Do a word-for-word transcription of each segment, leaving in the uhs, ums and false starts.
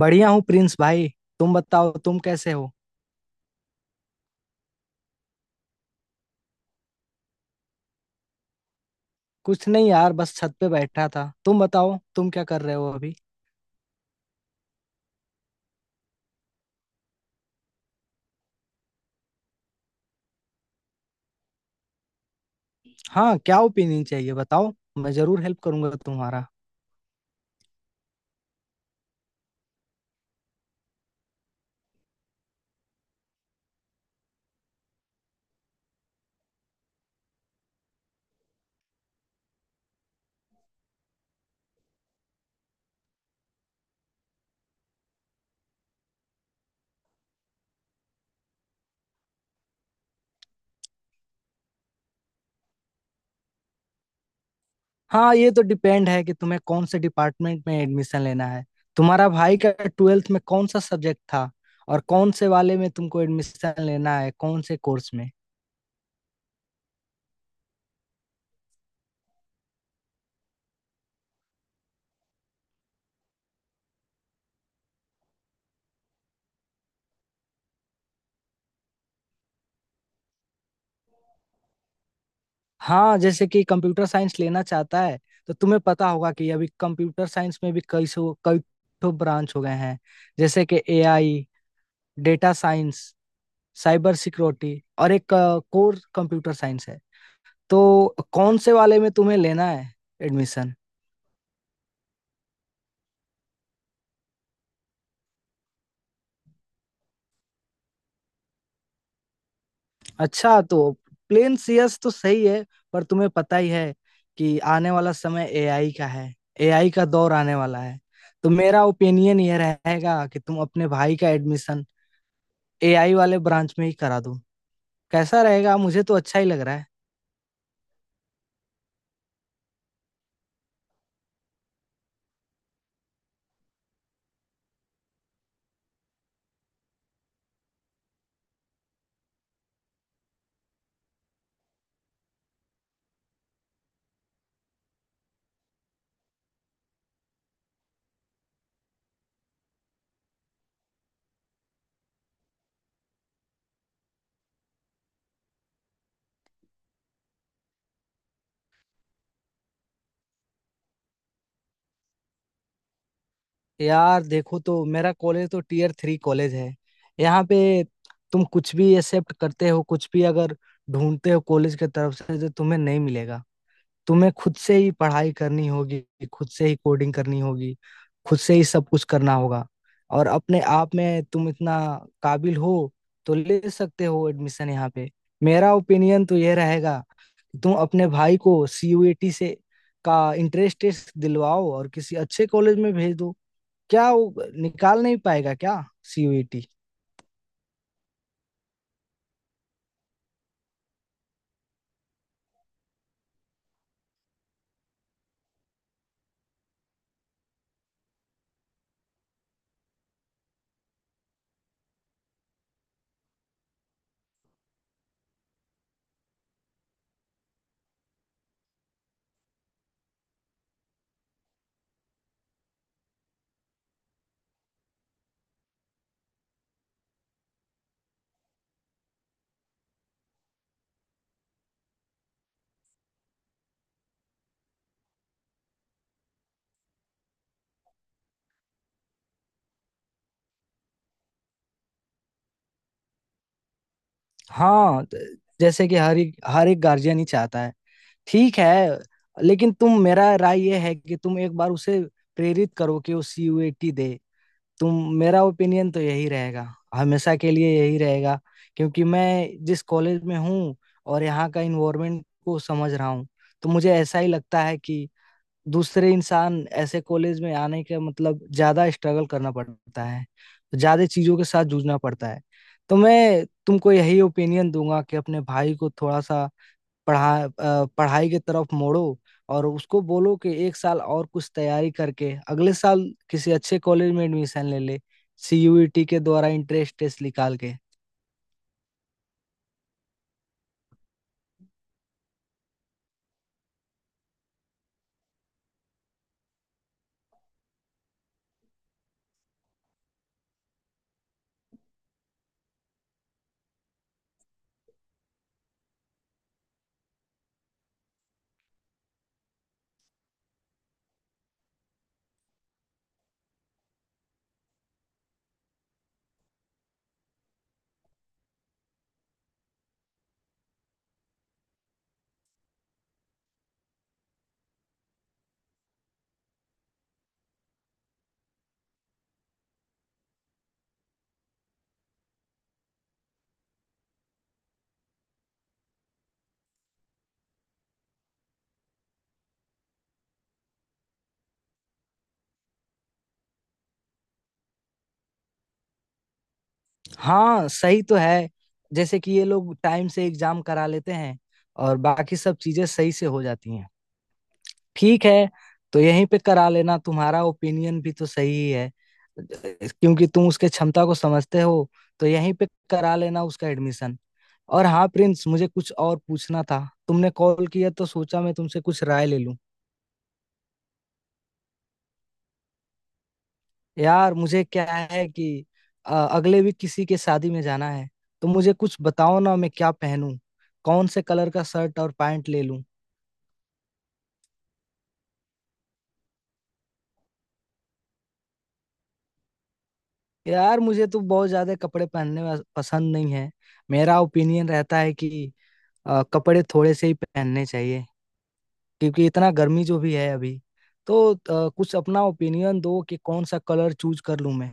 बढ़िया हूँ प्रिंस भाई। तुम बताओ तुम कैसे हो। कुछ नहीं यार बस छत पे बैठा था। तुम बताओ तुम क्या कर रहे हो अभी। हाँ क्या ओपिनियन चाहिए बताओ। मैं जरूर हेल्प करूंगा तुम्हारा। हाँ ये तो डिपेंड है कि तुम्हें कौन से डिपार्टमेंट में एडमिशन लेना है। तुम्हारा भाई का ट्वेल्थ में कौन सा सब्जेक्ट था। और कौन से वाले में तुमको एडमिशन लेना है, कौन से कोर्स में। हाँ जैसे कि कंप्यूटर साइंस लेना चाहता है, तो तुम्हें पता होगा कि अभी कंप्यूटर साइंस में भी कई सौ कई ठो ब्रांच हो गए हैं। जैसे कि ए आई, डेटा साइंस, साइबर सिक्योरिटी और एक कोर कंप्यूटर साइंस है। तो कौन से वाले में तुम्हें लेना है एडमिशन। अच्छा तो प्लेन सी एस तो सही है, पर तुम्हें पता ही है कि आने वाला समय ए आई का है। ए आई का दौर आने वाला है। तो मेरा ओपिनियन ये रहेगा कि तुम अपने भाई का एडमिशन ए आई वाले ब्रांच में ही करा दो। कैसा रहेगा, मुझे तो अच्छा ही लग रहा है। यार देखो तो मेरा कॉलेज तो टीयर थ्री कॉलेज है। यहाँ पे तुम कुछ भी एक्सेप्ट करते हो, कुछ भी अगर ढूंढते हो कॉलेज के तरफ से, जो तुम्हें नहीं मिलेगा। तुम्हें खुद से ही पढ़ाई करनी होगी, खुद से ही कोडिंग करनी होगी, खुद से ही सब कुछ करना होगा। और अपने आप में तुम इतना काबिल हो तो ले सकते हो एडमिशन यहाँ पे। मेरा ओपिनियन तो यह रहेगा कि तुम अपने भाई को सी यू ई टी से का इंट्रेंस टेस्ट दिलवाओ और किसी अच्छे कॉलेज में भेज दो। क्या वो निकाल नहीं पाएगा क्या सी यू ई टी। हाँ, त- जैसे कि हर एक हर एक गार्जियन ही चाहता है। ठीक है, लेकिन तुम मेरा राय ये है कि तुम एक बार उसे प्रेरित करो कि वो सी यू ई टी दे। तुम मेरा ओपिनियन तो यही रहेगा, हमेशा के लिए यही रहेगा। क्योंकि मैं जिस कॉलेज में हूँ और यहाँ का इन्वायरमेंट को समझ रहा हूँ, तो मुझे ऐसा ही लगता है कि दूसरे इंसान ऐसे कॉलेज में आने का मतलब ज्यादा स्ट्रगल करना पड़ता है, ज्यादा चीजों के साथ जूझना पड़ता है। तो मैं तुमको यही ओपिनियन दूंगा कि अपने भाई को थोड़ा सा पढ़ा अ, पढ़ाई की तरफ मोड़ो। और उसको बोलो कि एक साल और कुछ तैयारी करके अगले साल किसी अच्छे कॉलेज में एडमिशन ले ले, सीयूईटी के द्वारा इंट्रेंस टेस्ट निकाल के। हाँ सही तो है। जैसे कि ये लोग टाइम से एग्जाम करा लेते हैं और बाकी सब चीजें सही से हो जाती हैं। ठीक है, तो यहीं पे करा लेना। तुम्हारा ओपिनियन भी तो सही ही है, क्योंकि तुम उसके क्षमता को समझते हो। तो यहीं पे करा लेना उसका एडमिशन। और हाँ प्रिंस, मुझे कुछ और पूछना था। तुमने कॉल किया तो सोचा मैं तुमसे कुछ राय ले लूं। यार मुझे क्या है कि अ, अगले वीक किसी के शादी में जाना है। तो मुझे कुछ बताओ ना, मैं क्या पहनूं, कौन से कलर का शर्ट और पैंट ले लूं। यार मुझे तो बहुत ज्यादा कपड़े पहनने वा- पसंद नहीं है। मेरा ओपिनियन रहता है कि अ, कपड़े थोड़े से ही पहनने चाहिए, क्योंकि इतना गर्मी जो भी है अभी। तो अ, कुछ अपना ओपिनियन दो कि कौन सा कलर चूज कर लूं मैं।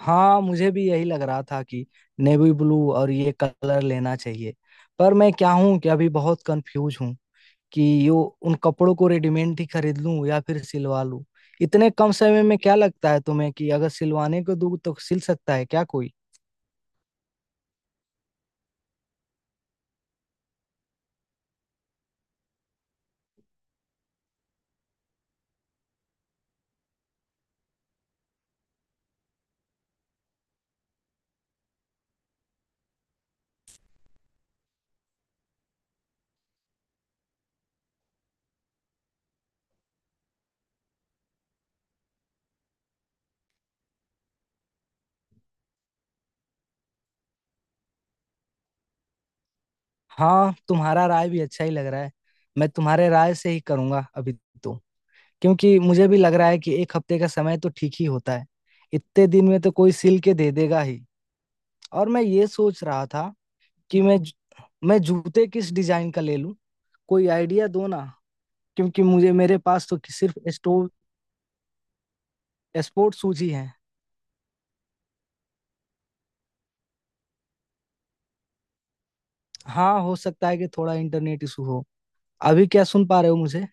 हाँ मुझे भी यही लग रहा था कि नेवी ब्लू और ये कलर लेना चाहिए। पर मैं क्या हूँ कि अभी बहुत कंफ्यूज हूँ कि यो उन कपड़ों को रेडीमेड ही खरीद लूं या फिर सिलवा लूं। इतने कम समय में क्या लगता है तुम्हें कि अगर सिलवाने को दूं तो सिल सकता है क्या कोई। हाँ तुम्हारा राय भी अच्छा ही लग रहा है। मैं तुम्हारे राय से ही करूंगा अभी। तो क्योंकि मुझे भी लग रहा है कि एक हफ्ते का समय तो ठीक ही होता है, इतने दिन में तो कोई सिल के दे देगा ही। और मैं ये सोच रहा था कि मैं मैं जूते किस डिजाइन का ले लूं। कोई आइडिया दो ना, क्योंकि मुझे मेरे पास तो सिर्फ स्टोर स्पोर्ट शूज ही है। हाँ हो सकता है कि थोड़ा इंटरनेट इशू हो। अभी क्या सुन पा रहे हो मुझे।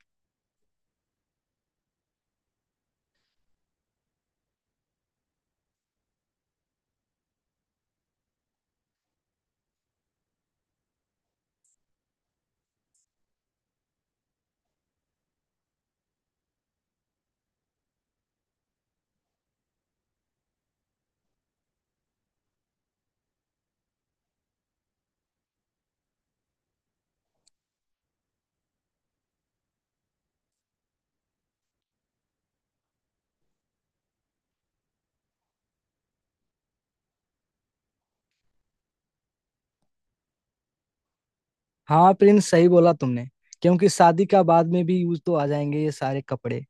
हाँ प्रिंस सही बोला तुमने, क्योंकि शादी का बाद में भी यूज तो आ जाएंगे ये सारे कपड़े।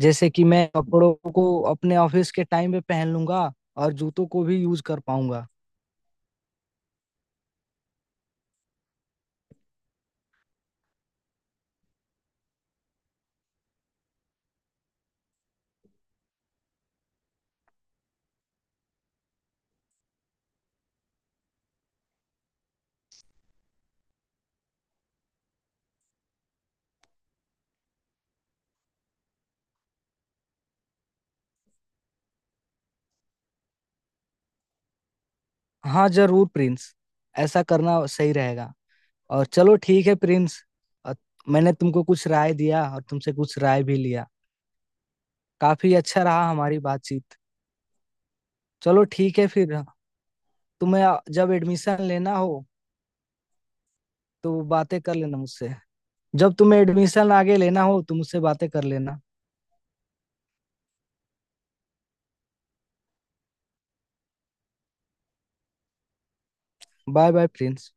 जैसे कि मैं कपड़ों को अपने ऑफिस के टाइम पे पहन लूंगा, और जूतों को भी यूज कर पाऊंगा। हाँ जरूर प्रिंस, ऐसा करना सही रहेगा। और चलो ठीक है प्रिंस, अ, मैंने तुमको कुछ राय दिया और तुमसे कुछ राय भी लिया। काफी अच्छा रहा हमारी बातचीत। चलो ठीक है फिर। तुम्हें जब एडमिशन लेना हो तो बातें कर लेना मुझसे। जब तुम्हें एडमिशन आगे लेना हो तो मुझसे बातें कर लेना। Bye bye Prince.